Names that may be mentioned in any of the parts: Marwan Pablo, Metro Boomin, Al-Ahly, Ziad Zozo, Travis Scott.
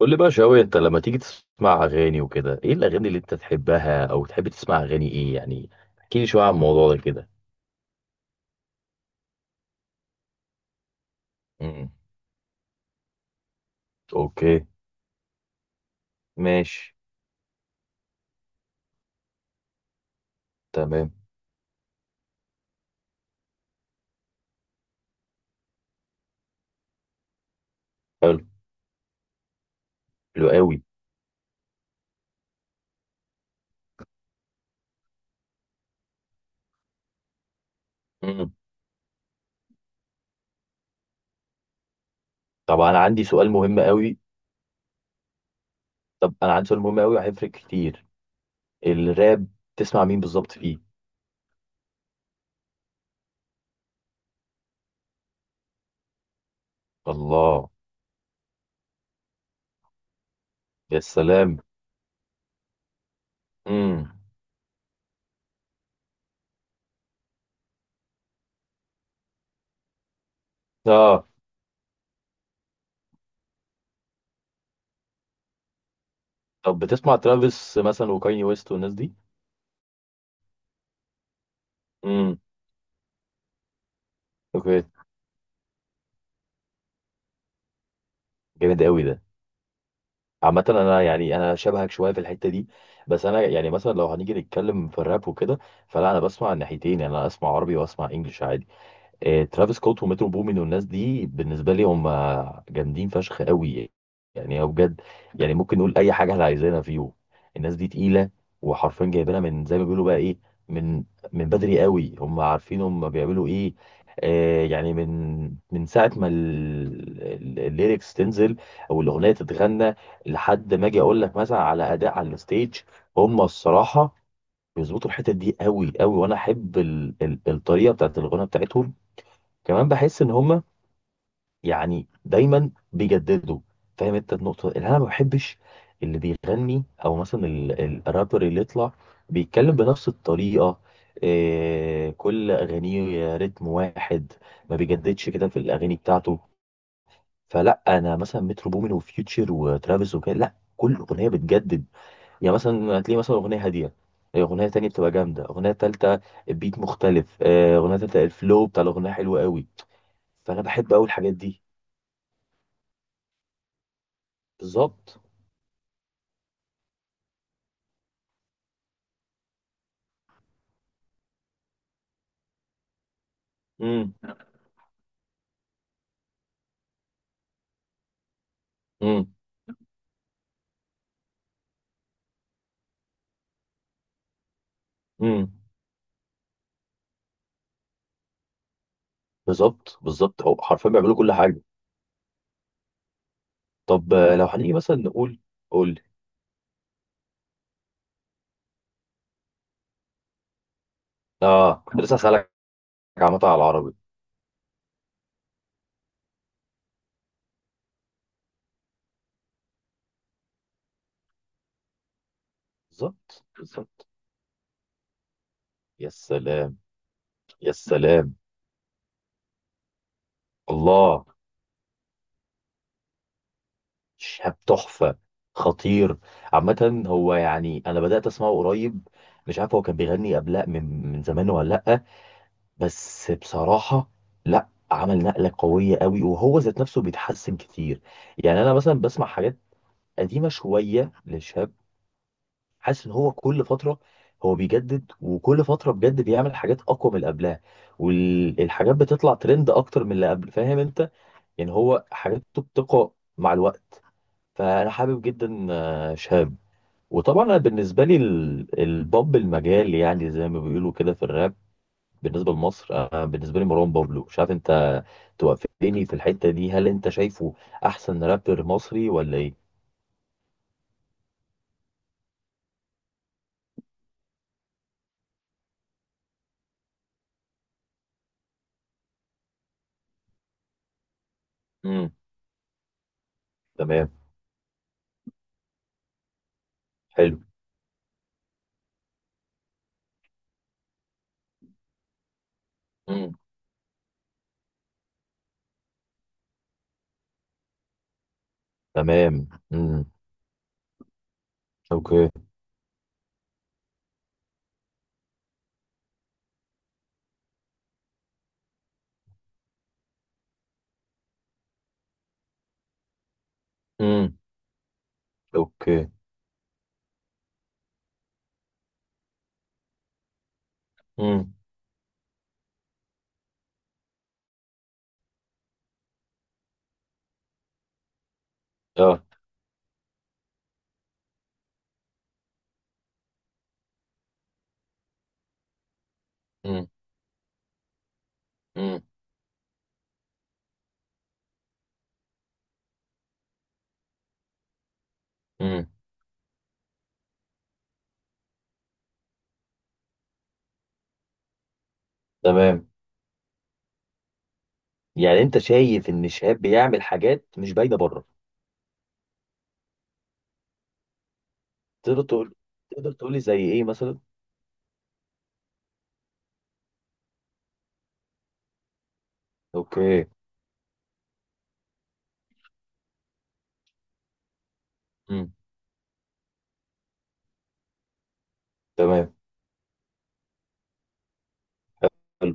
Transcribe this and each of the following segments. قول لي بقى شوية، انت لما تيجي تسمع اغاني وكده ايه الاغاني اللي انت تحبها او تحب تسمع اغاني ايه يعني؟ احكي لي شوية عن الموضوع ده كده. امم. اوكي. ماشي. تمام. حلو. حلو قوي. امم. طب انا عندي سؤال مهم قوي طب انا عندي سؤال مهم قوي هيفرق كتير. الراب، تسمع مين بالظبط فيه؟ الله. يا سلام. امم. اه. طب بتسمع ترافيس مثلا وكاني ويست والناس دي؟ امم. اوكي. جامد قوي ده. عامة انا، يعني انا شبهك شوية في الحتة دي، بس انا يعني مثلا لو هنيجي نتكلم في الراب وكده فلا انا بسمع الناحيتين، يعني انا اسمع عربي واسمع انجلش عادي. ترافيس سكوت ومترو بومين والناس دي بالنسبه لي هم جامدين فشخ قوي. يعني هو بجد، يعني ممكن نقول اي حاجه احنا عايزينها فيهم. الناس دي تقيله وحرفيا جايبينها من زي ما بيقولوا بقى ايه، من من بدري قوي. هم عارفين هم بيعملوا ايه. آه يعني من ساعه ما الليركس تنزل او الاغنيه تتغنى لحد ما اجي اقول لك مثلا على اداء على الستيج. هم الصراحه بيظبطوا الحتت دي قوي قوي، وانا احب الطريقه بتاعت الغنى بتاعتهم. كمان بحس ان هما يعني دايما بيجددوا. فاهم انت النقطه اللي انا ما بحبش؟ اللي بيغني او مثلا الرابر اللي يطلع بيتكلم بنفس الطريقه، إيه، كل اغانيه رتم واحد، ما بيجددش كده في الاغاني بتاعته. فلا انا مثلا مترو بومين وفيوتشر وترافيس وكده لا، كل اغنيه بتجدد. يعني مثلا هتلاقي مثلا اغنيه هاديه، اغنيه تانية بتبقى جامده، اغنيه تالتة بيت مختلف، اغنيه تالتة الفلو بتاع الاغنيه حلو قوي. فانا بحب قوي الحاجات دي. بالظبط. امم. امم. امم. بالظبط بالظبط، هو حرفيا بيعملوا كل حاجه. طب لو هنيجي مثلا نقول، قول لي. اه، كنت لسه هسألك عامة على العربي. بالظبط بالظبط. يا سلام. يا سلام. الله. شاب تحفه. خطير. عامة هو يعني انا بدأت اسمعه قريب، مش عارف هو كان بيغني قبلها من زمان ولا لأ، بس بصراحة لأ، عمل نقلة قوية قوي وهو ذات نفسه بيتحسن كتير. يعني انا مثلا بسمع حاجات قديمه شويه للشاب، حاسس ان هو كل فتره هو بيجدد، وكل فتره بجد بيعمل حاجات اقوى من اللي قبلها، والحاجات بتطلع ترند اكتر من اللي قبل. فاهم انت، يعني هو حاجاته بتقوى مع الوقت. فانا حابب جدا شهاب. وطبعا انا بالنسبه لي البوب المجال، يعني زي ما بيقولوا كده في الراب بالنسبه لمصر، بالنسبه لي مروان بابلو. مش عارف انت توافقني في الحته دي، هل انت شايفه احسن رابر مصري ولا ايه؟ امم. تمام. حلو. تمام. امم. اوكي. امم. اوكي. امم. اه. امم. امم. امم. تمام. يعني انت شايف ان الشهاب بيعمل حاجات مش باينه بره؟ تقدر تقول، تقدر تقول لي زي ايه مثلا؟ اوكي. امم. تمام. حلو.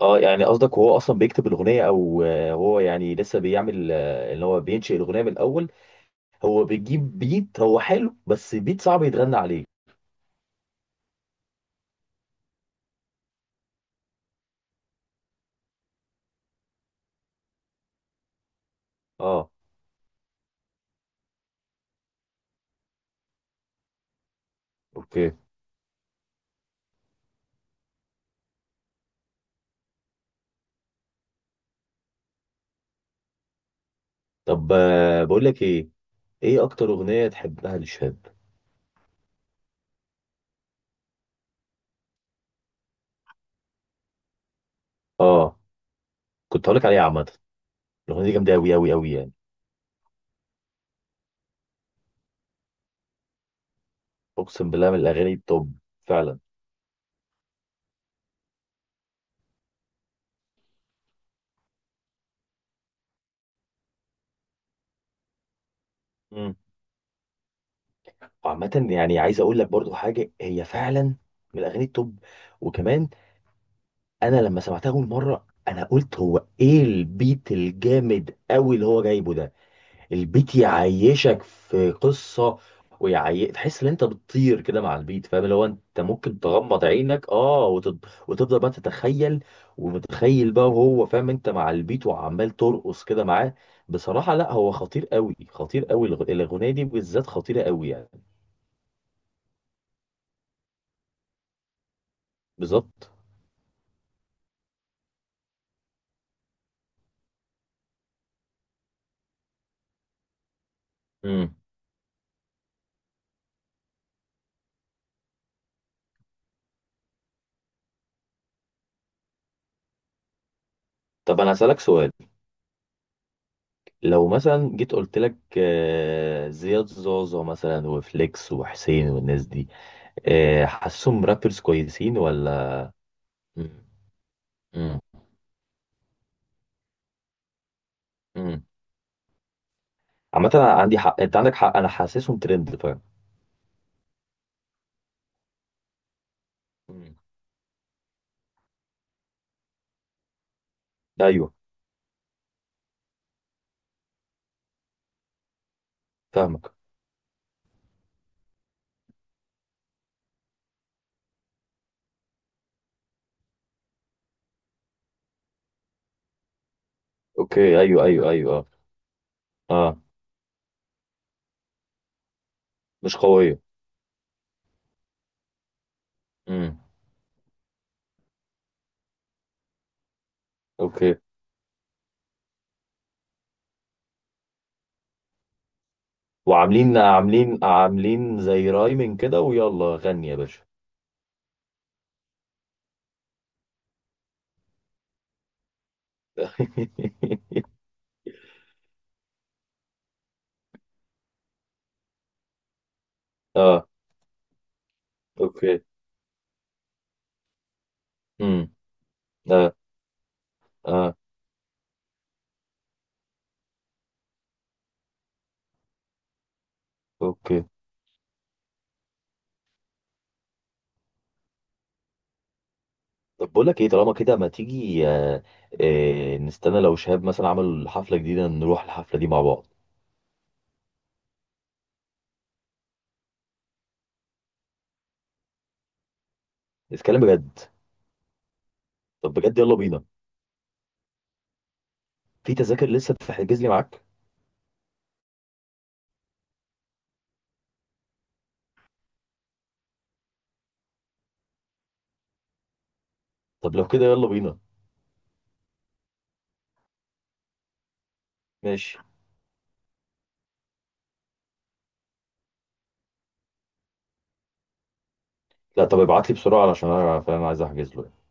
اه يعني قصدك هو اصلا بيكتب الاغنيه، او هو يعني لسه بيعمل، اللي هو بينشئ الاغنيه من الاول؟ هو بيجيب بيت هو حلو، بس بيت صعب يتغنى عليه. اه. اوكي. طب بقول لك ايه، ايه اكتر اغنيه تحبها للشهاب؟ اه، كنت هقولك عليها عامة. الأغنية دي جامدة أوي أوي أوي يعني. أقسم بالله من الأغاني التوب، فعلا. مم. وعامة يعني عايز أقول لك برضو حاجة، هي فعلا من الأغاني التوب. وكمان، أنا لما سمعتها أول مرة أنا قلت هو إيه البيت الجامد أوي اللي هو جايبه ده. البيت يعيشك في قصة، تحس ان انت بتطير كده مع البيت. فاهم، لو انت ممكن تغمض عينك، اه، وتفضل بقى تتخيل، ومتخيل بقى وهو، فاهم انت، مع البيت وعمال ترقص كده معاه. بصراحة لا، هو خطير قوي خطير قوي، الأغنية دي بالذات خطيرة قوي يعني. بالظبط. امم. طب انا هسألك سؤال، لو مثلا جيت قلت لك زياد زوزو مثلا وفليكس وحسين والناس دي، حاسسهم رابرز كويسين ولا؟ مم. امم. امم. عامة أنا عندي حق، انت عندك حق، انا حاسسهم ترند، فاهم. امم. ايوه. فاهمك. اوكي. ايوه ايوه ايوه. اه. اه، مش قوية. امم. اوكي. وعاملين عاملين عاملين زي رايمين كده، ويلا غني يا باشا. اه. اوكي. امم. اه. اه. اوكي. طب بقول لك ايه، طالما كده ما تيجي، نستنى لو شهاب مثلا عمل حفلة جديدة نروح الحفلة دي مع بعض. نتكلم بجد. طب بجد، يلا بينا. في تذاكر لسه بتحجز لي معاك؟ طب لو كده يلا بينا. ماشي. لا طب ابعت لي بسرعة علشان انا، فاهم، عايز احجز له.